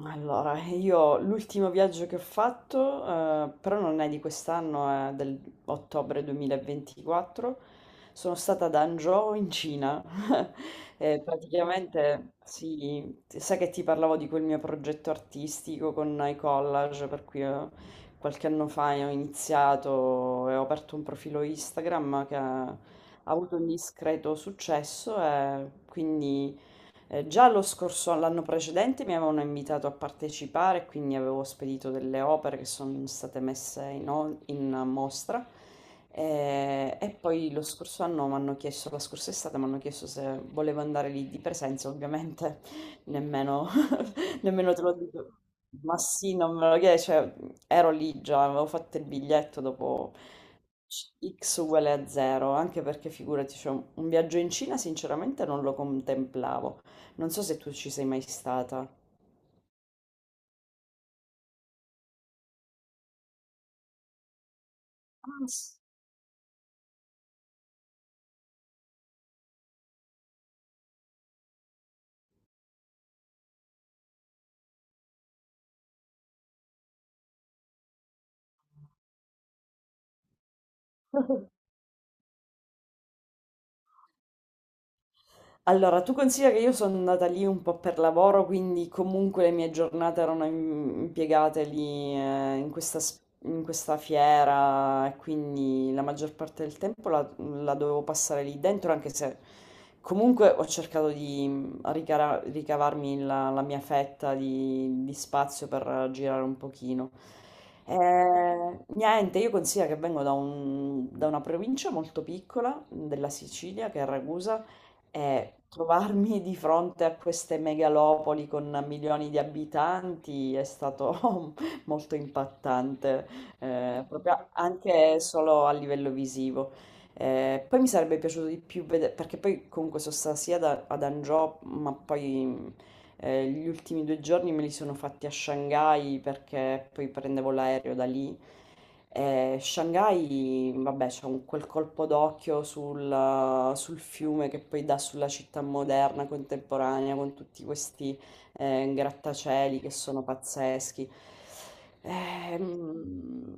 Allora, io l'ultimo viaggio che ho fatto, però non è di quest'anno, è dell'ottobre 2024, sono stata ad Hangzhou in Cina. Praticamente, sì, sai che ti parlavo di quel mio progetto artistico con i collage, per cui qualche anno fa ho iniziato e ho aperto un profilo Instagram che ha avuto un discreto successo e quindi... già lo scorso, l'anno precedente mi avevano invitato a partecipare, quindi avevo spedito delle opere che sono state messe in mostra. E poi lo scorso anno mi hanno chiesto, la scorsa estate mi hanno chiesto se volevo andare lì di presenza, ovviamente nemmeno nemmeno te lo dico. Ma sì, non me lo chiedi, cioè, ero lì già, avevo fatto il biglietto dopo X uguale a zero, anche perché figurati, cioè, un viaggio in Cina sinceramente non lo contemplavo. Non so se tu ci sei mai stata. Ah, allora, tu considera che io sono andata lì un po' per lavoro, quindi comunque le mie giornate erano impiegate lì in questa, in questa fiera e quindi la maggior parte del tempo la dovevo passare lì dentro, anche se comunque ho cercato di ricavarmi la mia fetta di spazio per girare un pochino. Niente, io considero che vengo da una provincia molto piccola della Sicilia, che è Ragusa, trovarmi di fronte a queste megalopoli con milioni di abitanti è stato molto impattante, proprio anche solo a livello visivo. Poi mi sarebbe piaciuto di più vedere, perché poi comunque sono stata ad Angio, ma poi gli ultimi due giorni me li sono fatti a Shanghai perché poi prendevo l'aereo da lì. Shanghai, vabbè, quel colpo d'occhio sul fiume che poi dà sulla città moderna, contemporanea, con tutti questi grattacieli che sono pazzeschi. Ehm,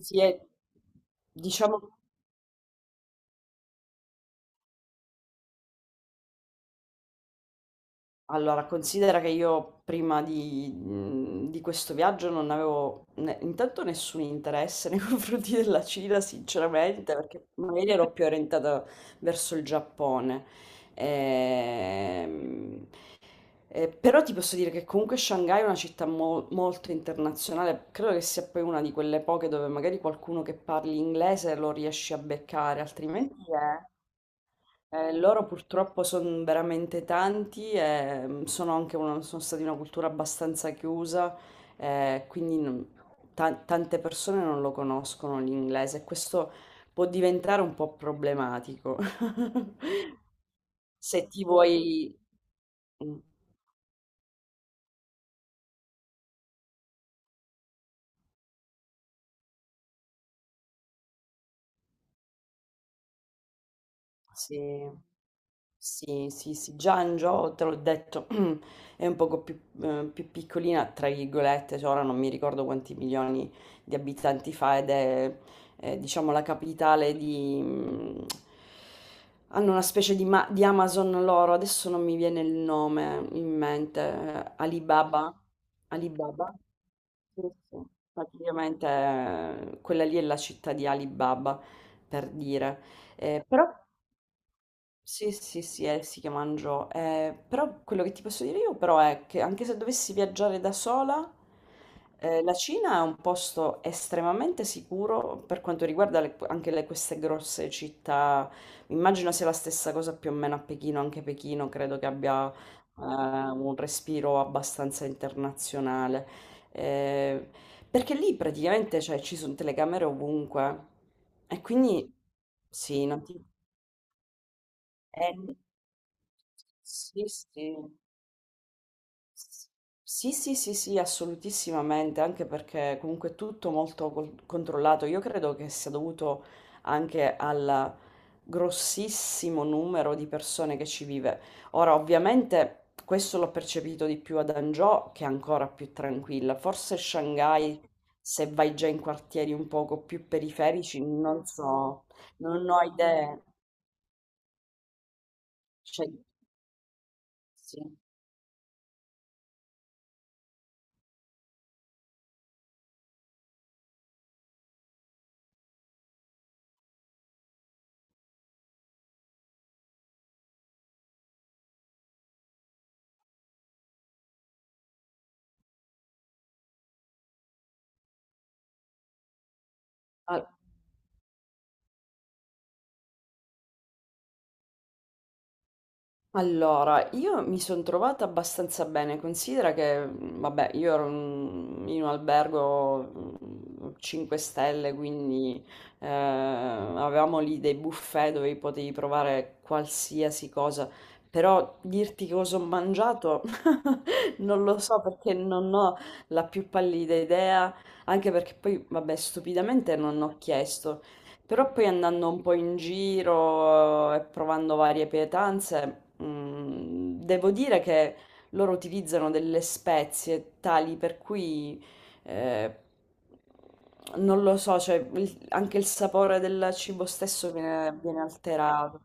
sì, è- diciamo. Allora, considera che io prima di, di questo viaggio non avevo ne intanto nessun interesse nei confronti della Cina sinceramente, perché magari ero più orientata verso il Giappone. Ehm, e però ti posso dire che comunque Shanghai è una città mo molto internazionale, credo che sia poi una di quelle poche dove magari qualcuno che parli inglese lo riesci a beccare, altrimenti è loro purtroppo sono veramente tanti e sono sono stati una cultura abbastanza chiusa, eh, quindi non- tante persone non lo conoscono l'inglese e questo può diventare un po' problematico. Se ti vuoi... Mm, sì. Sì, sì, sì, già Angio, te l'ho detto, è un poco più, più piccolina, tra virgolette, cioè ora non mi ricordo quanti milioni di abitanti fa ed è, diciamo, la capitale di... mm, hanno una specie di Amazon loro, adesso non mi viene il nome in mente, Alibaba, Alibaba, sì, sì. Praticamente quella lì è la città di Alibaba, per dire. Però sì, sì, sì, è sì che mangio. Però quello che ti posso dire io però è che anche se dovessi viaggiare da sola, la Cina è un posto estremamente sicuro per quanto riguarda queste grosse città. Immagino sia la stessa cosa più o meno a Pechino, anche Pechino credo che abbia un respiro abbastanza internazionale. Eh, perché lì praticamente cioè, ci sono telecamere ovunque e quindi sì, non ti n- sì, sì. Sì, sì, sì, sì, assolutissimamente, anche perché comunque è tutto molto controllato. Io credo che sia dovuto anche al grossissimo numero di persone che ci vive. Ora, ovviamente, questo l'ho percepito di più ad Hangzhou, che è ancora più tranquilla. Forse Shanghai, se vai già in quartieri un poco più periferici, non so, non ho idee. Cioè, sì. Allora, io mi sono trovata abbastanza bene, considera che, vabbè, io ero in un albergo 5 stelle, quindi avevamo lì dei buffet dove potevi provare qualsiasi cosa, però dirti cosa ho mangiato non lo so perché non ho la più pallida idea, anche perché poi, vabbè, stupidamente non ho chiesto. Però poi andando un po' in giro e provando varie pietanze, devo dire che loro utilizzano delle spezie tali per cui eh, non lo so, cioè anche il sapore del cibo stesso viene alterato.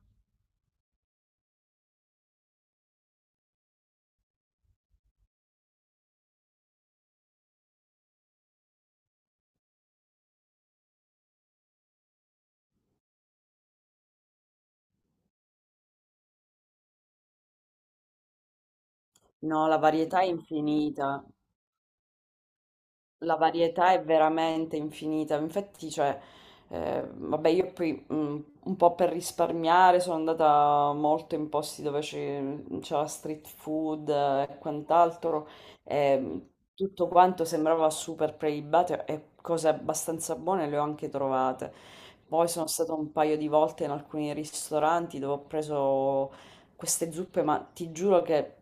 No, la varietà è infinita. La varietà è veramente infinita. Infatti, cioè, vabbè, io poi un po' per risparmiare sono andata molto in posti c'era street food e quant'altro. E tutto quanto sembrava super prelibato e cose abbastanza buone le ho anche trovate. Poi sono stata un paio di volte in alcuni ristoranti dove ho preso queste zuppe, ma ti giuro che,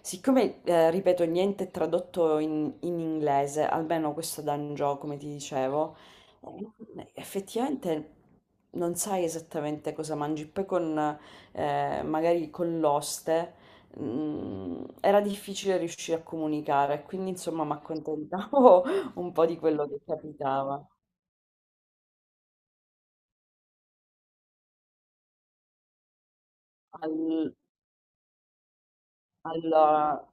siccome, ripeto, niente è tradotto in inglese, almeno questo d'Angio, come ti dicevo, effettivamente non sai esattamente cosa mangi. Poi magari con l'oste, era difficile riuscire a comunicare, quindi insomma mi accontentavo un po' di quello che capitava. Allora,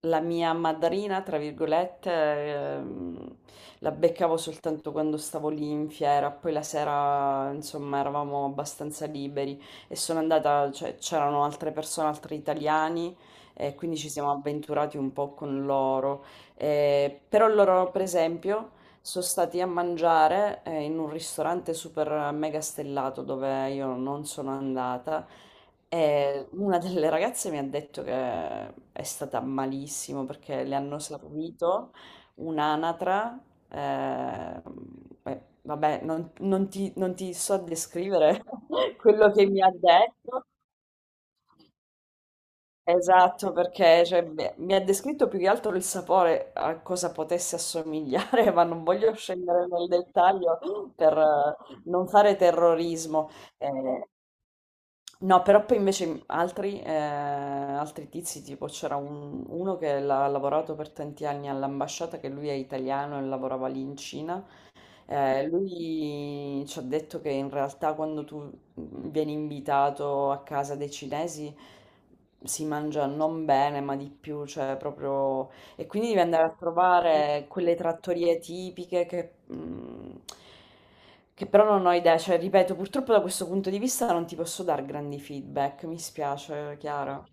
la mia madrina, tra virgolette, la beccavo soltanto quando stavo lì in fiera, poi la sera, insomma, eravamo abbastanza liberi e sono andata, cioè, c'erano altre persone, altri italiani, e quindi ci siamo avventurati un po' con loro. Però loro, per esempio, sono stati a mangiare in un ristorante super mega stellato dove io non sono andata e una delle ragazze mi ha detto che è stata malissimo perché le hanno servito un'anatra. eh, Vabbè, non ti so descrivere quello che mi ha detto. Esatto, perché cioè, mi ha descritto più che altro il sapore a cosa potesse assomigliare, ma non voglio scendere nel dettaglio per non fare terrorismo. Eh, no, però poi invece altri, altri tizi, tipo uno che l'ha lavorato per tanti anni all'ambasciata, che lui è italiano e lavorava lì in Cina, lui ci ha detto che in realtà quando tu vieni invitato a casa dei cinesi si mangia non bene, ma di più, cioè proprio... E quindi devi andare a trovare quelle trattorie tipiche che... mm, che però non ho idea, cioè ripeto, purtroppo da questo punto di vista non ti posso dare grandi feedback, mi spiace, Chiara.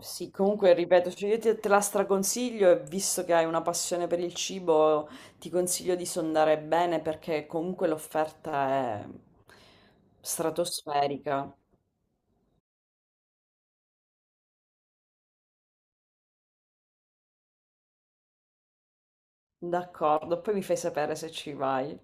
Sì, comunque ripeto, cioè te la straconsiglio e visto che hai una passione per il cibo, ti consiglio di sondare bene perché comunque l'offerta è stratosferica. D'accordo, poi mi fai sapere se ci vai.